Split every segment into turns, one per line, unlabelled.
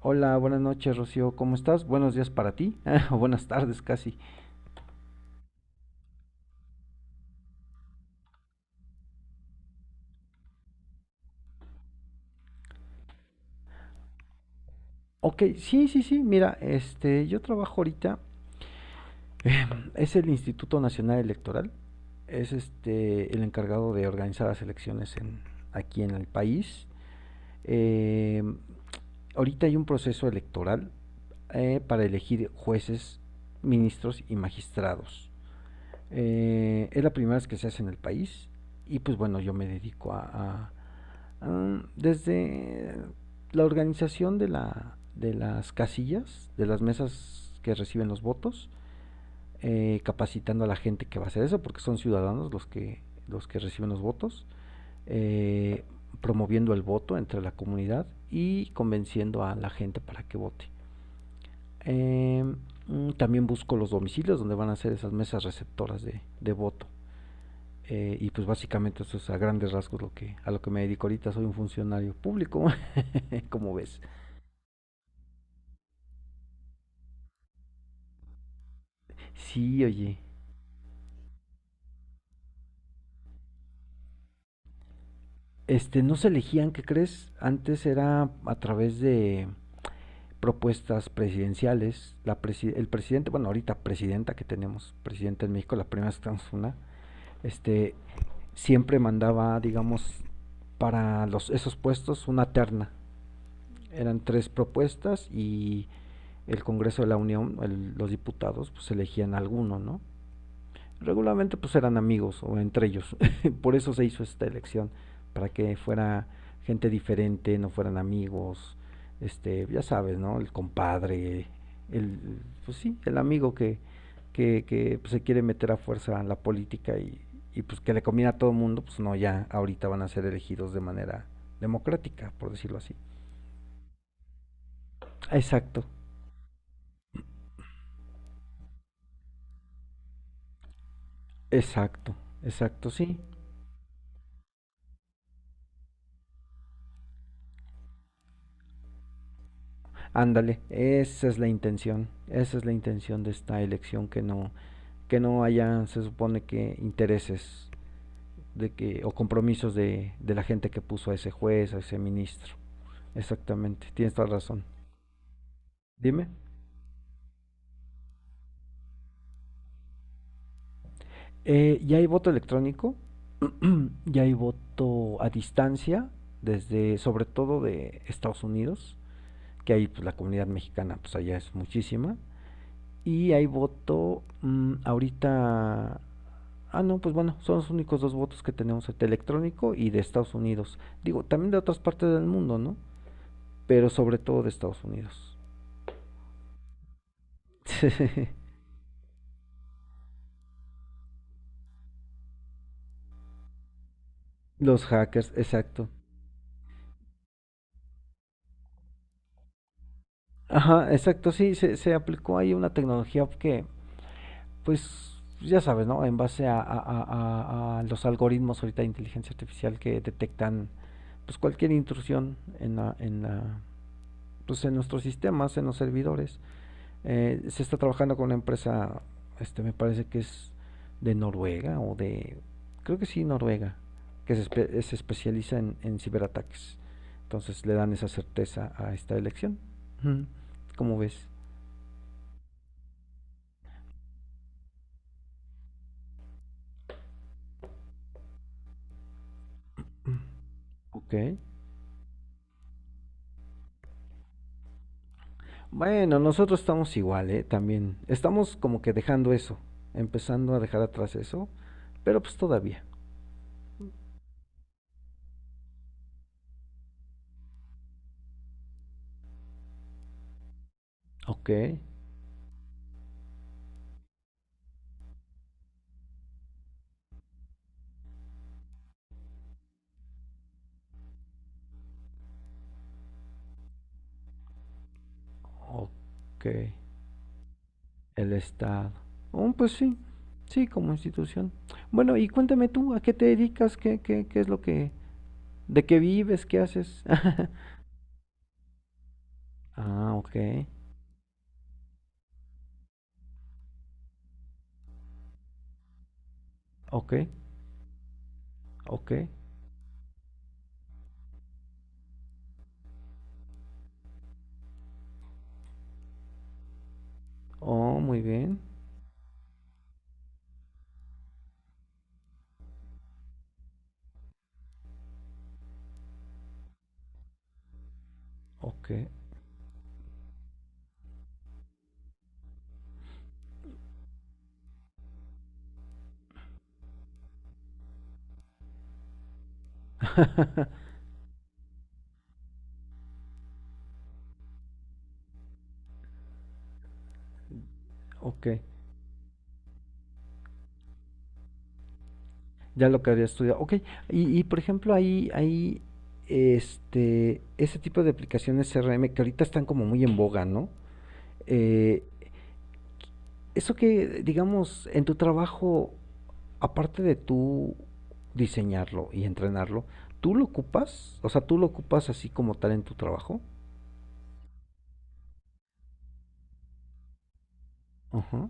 Hola, buenas noches, Rocío. ¿Cómo estás? Buenos días para ti, o buenas tardes casi. Ok, sí. Mira, yo trabajo ahorita. Es el Instituto Nacional Electoral. Es el encargado de organizar las elecciones en, aquí en el país. Eh, ahorita hay un proceso electoral para elegir jueces, ministros y magistrados. Es la primera vez que se hace en el país. Y pues bueno, yo me dedico a desde la organización de las casillas, de las mesas que reciben los votos, capacitando a la gente que va a hacer eso, porque son ciudadanos los que reciben los votos, eh, promoviendo el voto entre la comunidad y convenciendo a la gente para que vote. Eh, también busco los domicilios donde van a ser esas mesas receptoras de voto. Y pues básicamente eso es a grandes rasgos a lo que me dedico ahorita. Soy un funcionario público, como ves. Sí, oye. Este, no se elegían, ¿qué crees? Antes era a través de propuestas presidenciales. La presi El presidente, bueno, ahorita presidenta que tenemos, presidenta en México, la primera vez una, este, siempre mandaba, digamos, para esos puestos una terna. Eran tres propuestas y el Congreso de la Unión, los diputados, pues elegían alguno, ¿no? Regularmente pues eran amigos o entre ellos. Por eso se hizo esta elección, para que fuera gente diferente, no fueran amigos, este, ya sabes, ¿no? El compadre, el, pues sí, el amigo que pues, se quiere meter a fuerza en la política y pues que le conviene a todo el mundo, pues no, ya ahorita van a ser elegidos de manera democrática, por decirlo así. Exacto, exacto, exacto, sí. Ándale, esa es la intención, esa es la intención de esta elección que no haya, se supone que intereses de que, o compromisos de la gente que puso a ese juez, a ese ministro. Exactamente, tienes toda razón. Dime. Ya hay voto electrónico, ya hay voto a distancia, desde, sobre todo de Estados Unidos, que ahí pues, la comunidad mexicana, pues allá es muchísima. Y hay voto mmm, ahorita Ah, no, pues bueno, son los únicos dos votos que tenemos, el electrónico y de Estados Unidos. Digo, también de otras partes del mundo, ¿no? Pero sobre todo de Estados Unidos. Los hackers, exacto. Ajá, exacto, sí, se aplicó ahí una tecnología que, pues, ya sabes, ¿no? En base a los algoritmos ahorita de inteligencia artificial que detectan, pues, cualquier intrusión en la, pues, en nuestros sistemas, en los servidores. Se está trabajando con una empresa, este, me parece que es de Noruega o de, creo que sí, Noruega, que se especializa en ciberataques. Entonces le dan esa certeza a esta elección. ¿Cómo ves? Ok. Bueno, nosotros estamos igual, ¿eh? También. Estamos como que dejando eso, empezando a dejar atrás eso, pero pues todavía. Ok, ok. El Estado. Oh, pues sí, sí, como institución. Bueno, y cuéntame tú, ¿a qué te dedicas? ¿ Qué es lo que... ¿De qué vives? ¿Qué haces? Ah, ok, ok, ok. Oh, muy bien, ok. Ok, ya lo que había estudiado. Ok, y por ejemplo, este, ese tipo de aplicaciones CRM que ahorita están como muy en boga, ¿no? Eh, eso que, digamos, en tu trabajo aparte de tú diseñarlo y entrenarlo, ¿tú lo ocupas? O sea, ¿tú lo ocupas así como tal en tu trabajo? Ajá.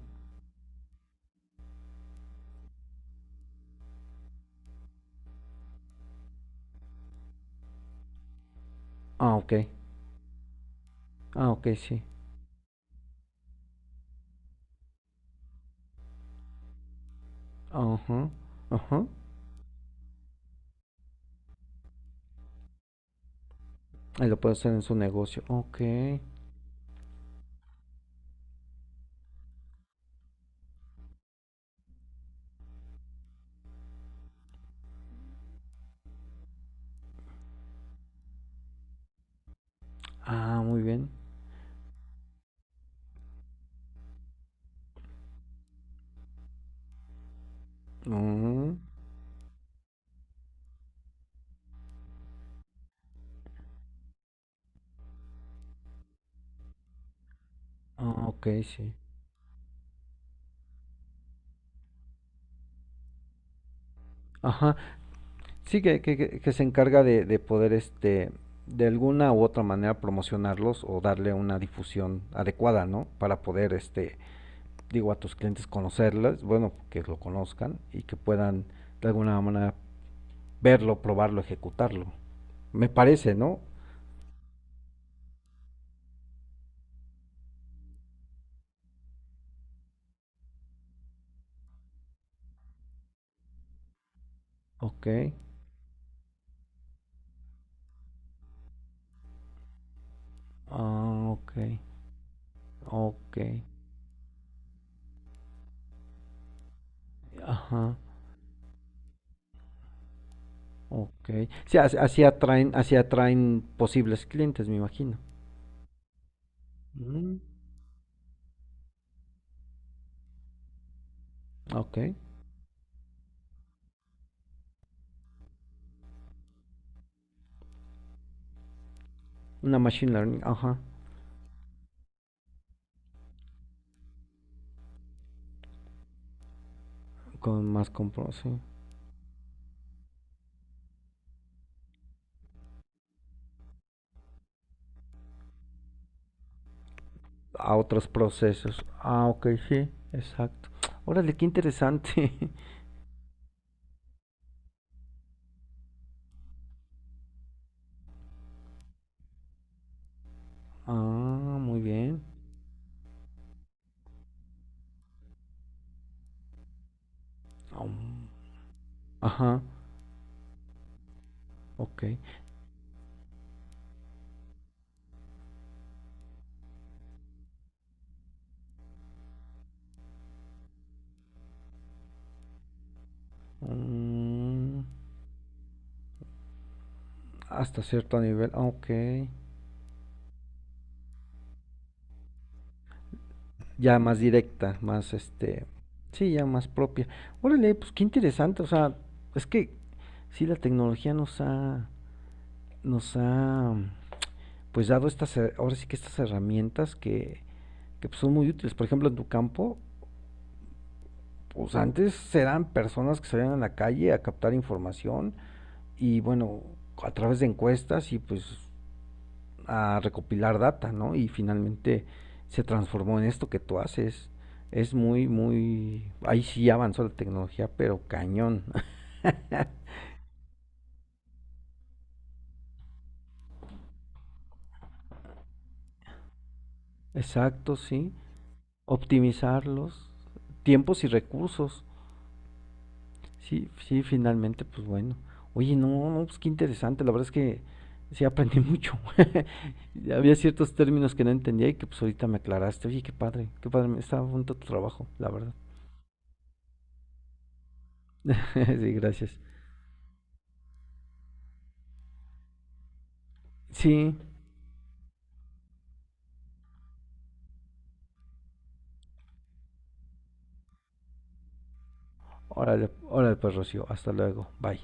Ah, ok. Ah, ok, sí. Ajá. Ajá. Ahí lo puede hacer en su negocio. Ok. Ah, muy bien. Mm. Ah, ok, sí. Ajá. Sí, que se encarga de poder, este, de alguna u otra manera promocionarlos o darle una difusión adecuada, ¿no? Para poder, este, digo, a tus clientes conocerlas, bueno, que lo conozcan y que puedan de alguna manera verlo, probarlo, ejecutarlo. Me parece, ¿no? Ok, ah, ok, ok, ajá, ok. Sí, así atraen posibles clientes, me imagino. Mm, ok, una machine learning, ajá, con más compro, sí. A otros procesos. Ah, ok, sí, exacto. Órale, qué interesante. Ah, muy bien. Um, Ajá. Ok. Mm, hasta cierto nivel, ok. Ya más directa, más este. Sí, ya más propia. Órale, pues qué interesante. O sea, es que sí, la tecnología nos ha, pues dado estas, ahora sí que estas herramientas que pues, son muy útiles. Por ejemplo, en tu campo, pues antes eran personas que salían a la calle a captar información y bueno, a través de encuestas y pues a recopilar data, ¿no? Y finalmente se transformó en esto que tú haces. Es Ahí sí avanzó la tecnología, pero cañón. Exacto, sí. Optimizar los tiempos y recursos. Sí, sí, finalmente, pues bueno. Oye, no, no, pues qué interesante. La verdad es que sí aprendí mucho. Había ciertos términos que no entendía y que pues ahorita me aclaraste. Oye, qué padre, qué padre. Estaba junto a tu trabajo, la verdad. Sí, gracias. Sí, órale, órale pues Rocío, hasta luego, bye.